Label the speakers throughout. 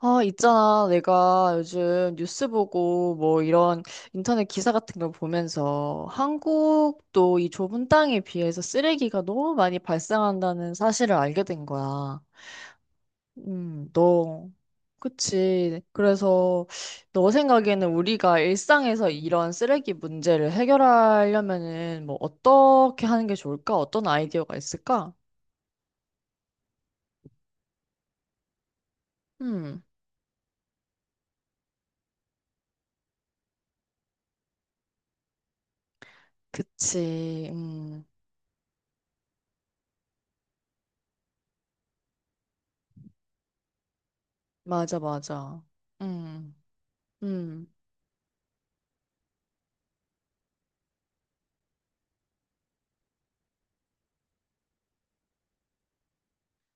Speaker 1: 아, 있잖아. 내가 요즘 뉴스 보고 뭐 이런 인터넷 기사 같은 걸 보면서 한국도 이 좁은 땅에 비해서 쓰레기가 너무 많이 발생한다는 사실을 알게 된 거야. 너. 그치. 그래서 너 생각에는 우리가 일상에서 이런 쓰레기 문제를 해결하려면은 뭐 어떻게 하는 게 좋을까? 어떤 아이디어가 있을까? 음, 그치. 맞아, 맞아. 음, 음.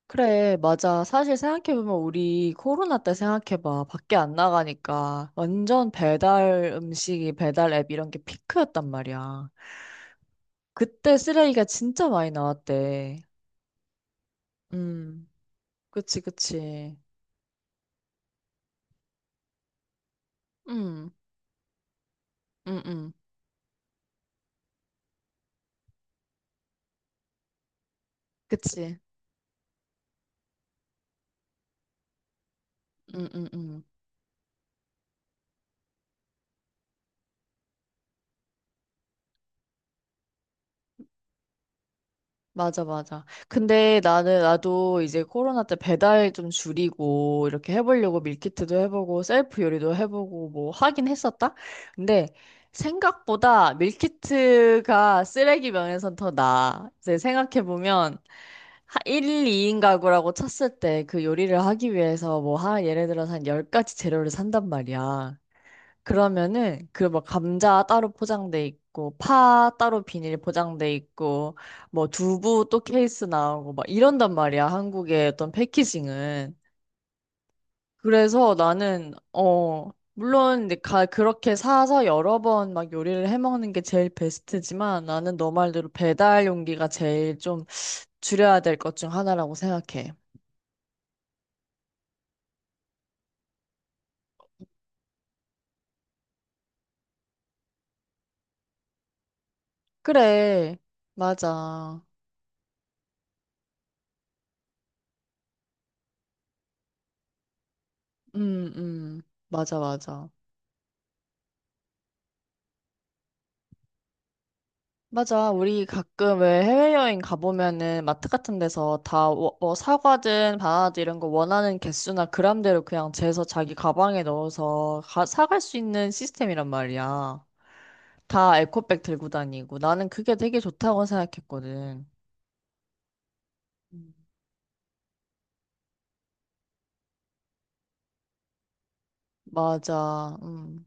Speaker 1: 그래, 맞아. 사실 생각해보면 우리 코로나 때 생각해봐. 밖에 안 나가니까 완전 배달 음식이 배달 앱 이런 게 피크였단 말이야. 그때 쓰레기가 진짜 많이 나왔대. 음, 그치, 그치. 음, 음, 음. 그치. 음, 음, 음. 맞아, 맞아. 근데 나도 이제 코로나 때 배달 좀 줄이고, 이렇게 해보려고 밀키트도 해보고, 셀프 요리도 해보고, 뭐 하긴 했었다? 근데 생각보다 밀키트가 쓰레기 면에선 더 나아. 이제 생각해보면, 1, 2인 가구라고 쳤을 때 그 요리를 하기 위해서 뭐, 예를 들어서 한 10가지 재료를 산단 말이야. 그러면은 그 뭐 감자 따로 포장돼 있고 파 따로 비닐 포장돼 있고 뭐 두부 또 케이스 나오고 막 이런단 말이야. 한국의 어떤 패키징은. 그래서 나는 물론 이제 가 그렇게 사서 여러 번 막 요리를 해 먹는 게 제일 베스트지만 나는 너 말대로 배달 용기가 제일 좀 줄여야 될 것 중 하나라고 생각해. 그래, 맞아. 음, 맞아, 맞아. 맞아. 우리 가끔 왜 해외여행 가보면은 마트 같은 데서 다 뭐 사과든 바나나든 이런 거 원하는 개수나 그람대로 그냥 재서 자기 가방에 넣어서 가, 사갈 수 있는 시스템이란 말이야. 다 에코백 들고 다니고. 나는 그게 되게 좋다고 생각했거든. 음. 맞아.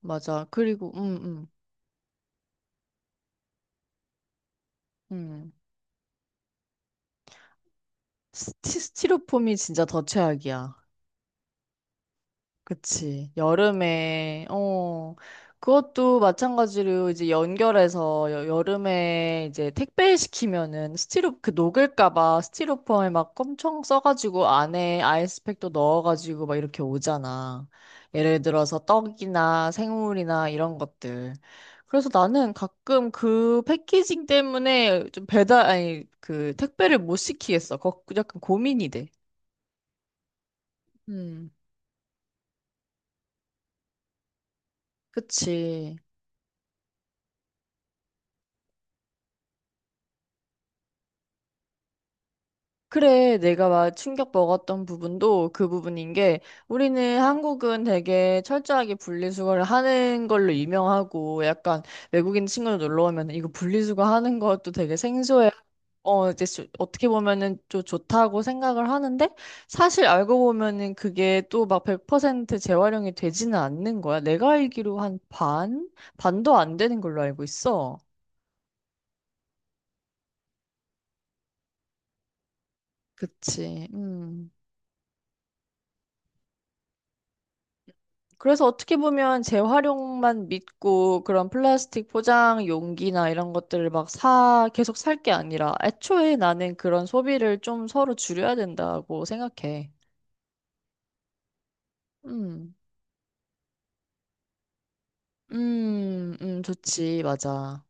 Speaker 1: 맞아. 그리고, 음. 스티로폼이 진짜 더 최악이야. 그치. 여름에, 어, 그것도 마찬가지로 이제 연결해서 여름에 이제 택배 시키면은 스티로, 그 녹을까봐 스티로폼에 막 엄청 써가지고 안에 아이스팩도 넣어가지고 막 이렇게 오잖아. 예를 들어서 떡이나 생물이나 이런 것들. 그래서 나는 가끔 그 패키징 때문에 좀 배달, 아니, 그 택배를 못 시키겠어. 거, 약간 고민이 돼. 음. 그치. 그래, 내가 막 충격 먹었던 부분도 그 부분인 게, 우리는 한국은 되게 철저하게 분리수거를 하는 걸로 유명하고 약간 외국인 친구들 놀러 오면 이거 분리수거 하는 것도 되게 생소해. 어, 이제 어떻게 보면은 좀 좋다고 생각을 하는데 사실 알고 보면은 그게 또 막 100% 재활용이 되지는 않는 거야. 내가 알기로 한 반? 반도 안 되는 걸로 알고 있어. 그치. 음. 그래서 어떻게 보면 재활용만 믿고 그런 플라스틱 포장 용기나 이런 것들을 막 사, 계속 살 게 아니라 애초에 나는 그런 소비를 좀 서로 줄여야 된다고 생각해. 음, 좋지. 맞아.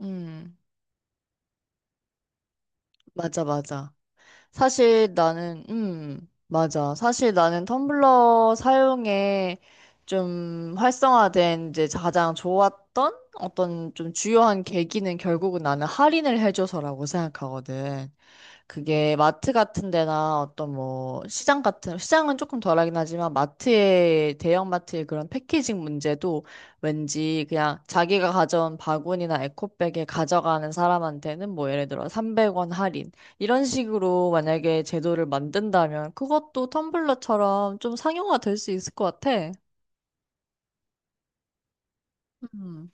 Speaker 1: 음, 맞아, 맞아. 사실 나는, 맞아. 사실 나는 텀블러 사용에 좀 활성화된 이제 가장 좋았던 어떤 좀 주요한 계기는 결국은 나는 할인을 해줘서라고 생각하거든. 그게 마트 같은 데나 어떤 뭐 시장 같은 시장은 조금 덜하긴 하지만 마트의 대형 마트의 그런 패키징 문제도 왠지 그냥 자기가 가져온 바구니나 에코백에 가져가는 사람한테는 뭐 예를 들어 300원 할인 이런 식으로 만약에 제도를 만든다면 그것도 텀블러처럼 좀 상용화 될 수 있을 것 같아. 음.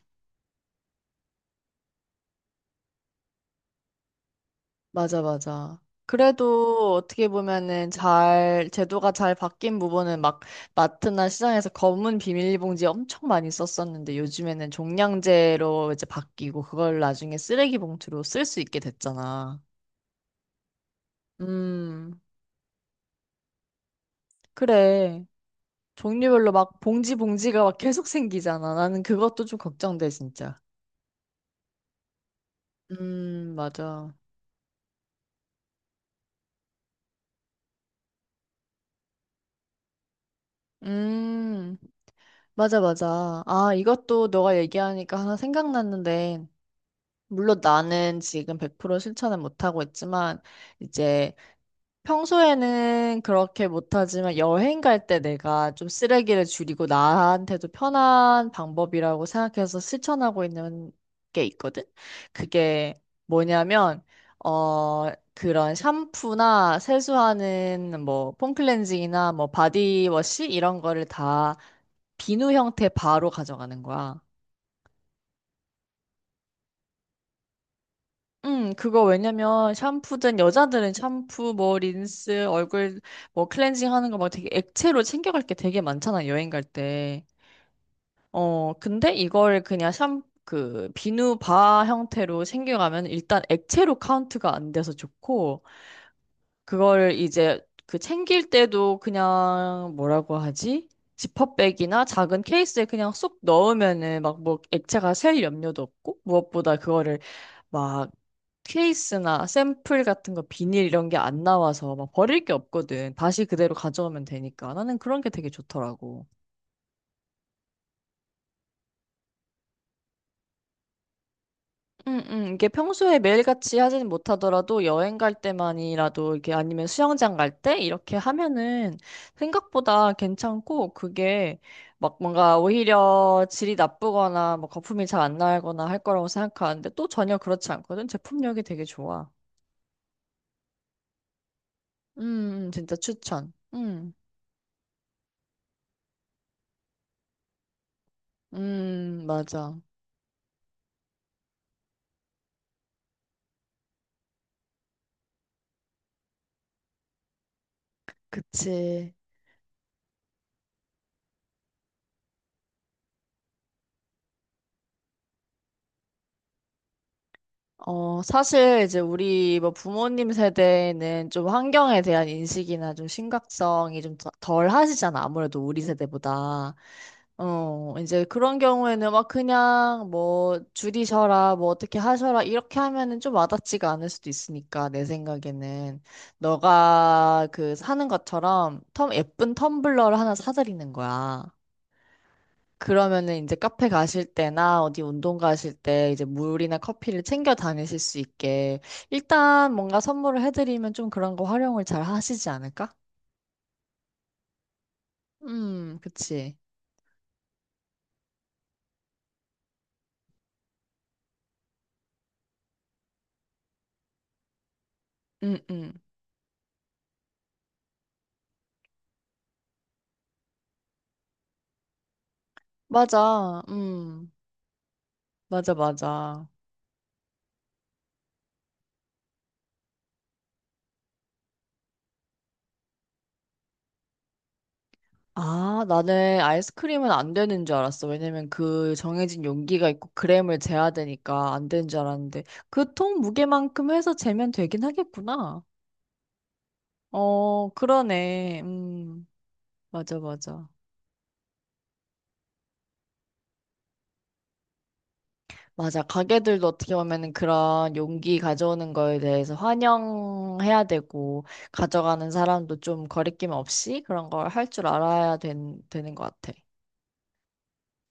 Speaker 1: 맞아, 맞아. 그래도 어떻게 보면은 잘, 제도가 잘 바뀐 부분은 막 마트나 시장에서 검은 비닐봉지 엄청 많이 썼었는데 요즘에는 종량제로 이제 바뀌고 그걸 나중에 쓰레기 봉투로 쓸 수 있게 됐잖아. 음. 그래. 종류별로 막 봉지 봉지가 막 계속 생기잖아. 나는 그것도 좀 걱정돼, 진짜. 맞아. 음, 맞아, 맞아. 아, 이것도 너가 얘기하니까 하나 생각났는데, 물론 나는 지금 100% 실천은 못하고 있지만, 이제 평소에는 그렇게 못하지만 여행 갈 때 내가 좀 쓰레기를 줄이고 나한테도 편한 방법이라고 생각해서 실천하고 있는 게 있거든? 그게 뭐냐면, 어, 그런 샴푸나 세수하는 뭐 폼클렌징이나 뭐 바디워시 이런 거를 다 비누 형태 바로 가져가는 거야. 그거 왜냐면 샴푸든 여자들은 샴푸, 뭐 린스, 얼굴 뭐 클렌징 하는 거 막 되게 액체로 챙겨갈 게 되게 많잖아, 여행 갈 때. 어, 근데 이걸 그냥 샴, 그 비누 바 형태로 챙겨가면 일단 액체로 카운트가 안 돼서 좋고 그걸 이제 그 챙길 때도 그냥 뭐라고 하지? 지퍼백이나 작은 케이스에 그냥 쏙 넣으면은 막 뭐 액체가 셀 염려도 없고 무엇보다 그거를 막 케이스나 샘플 같은 거 비닐 이런 게 안 나와서 막 버릴 게 없거든. 다시 그대로 가져오면 되니까. 나는 그런 게 되게 좋더라고. 이게 평소에 매일같이 하지는 못하더라도 여행 갈 때만이라도 이게 아니면 수영장 갈 때 이렇게 하면은 생각보다 괜찮고 그게 막 뭔가 오히려 질이 나쁘거나 뭐 거품이 잘 안 나거나 할 거라고 생각하는데 또 전혀 그렇지 않거든. 제품력이 되게 좋아. 진짜 추천. 맞아. 그치. 어, 사실 이제 우리 뭐 부모님 세대는 좀 환경에 대한 인식이나 좀 심각성이 좀 덜 하시잖아. 아무래도 우리 세대보다. 어, 이제 그런 경우에는 막 그냥 뭐 줄이셔라, 뭐 어떻게 하셔라, 이렇게 하면은 좀 와닿지가 않을 수도 있으니까, 내 생각에는. 너가 그 사는 것처럼 텀, 예쁜 텀블러를 하나 사드리는 거야. 그러면은 이제 카페 가실 때나 어디 운동 가실 때 이제 물이나 커피를 챙겨 다니실 수 있게 일단 뭔가 선물을 해드리면 좀 그런 거 활용을 잘 하시지 않을까? 그치. 음, 음. 맞아. 맞아, 맞아. 아, 나는 아이스크림은 안 되는 줄 알았어. 왜냐면 그 정해진 용기가 있고 그램을 재야 되니까 안 되는 줄 알았는데 그 통 무게만큼 해서 재면 되긴 하겠구나. 어, 그러네. 맞아, 맞아. 맞아. 가게들도 어떻게 보면은 그런 용기 가져오는 거에 대해서 환영해야 되고, 가져가는 사람도 좀 거리낌 없이 그런 걸 할 줄 알아야 된, 되는 것 같아.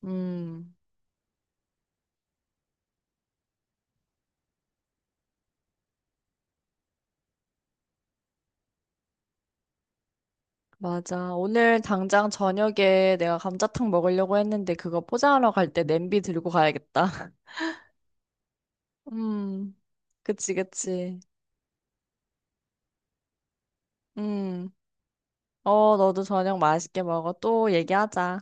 Speaker 1: 음, 맞아. 오늘 당장 저녁에 내가 감자탕 먹으려고 했는데 그거 포장하러 갈 때 냄비 들고 가야겠다. 음, 그치, 그치. 음, 어, 너도 저녁 맛있게 먹어. 또 얘기하자.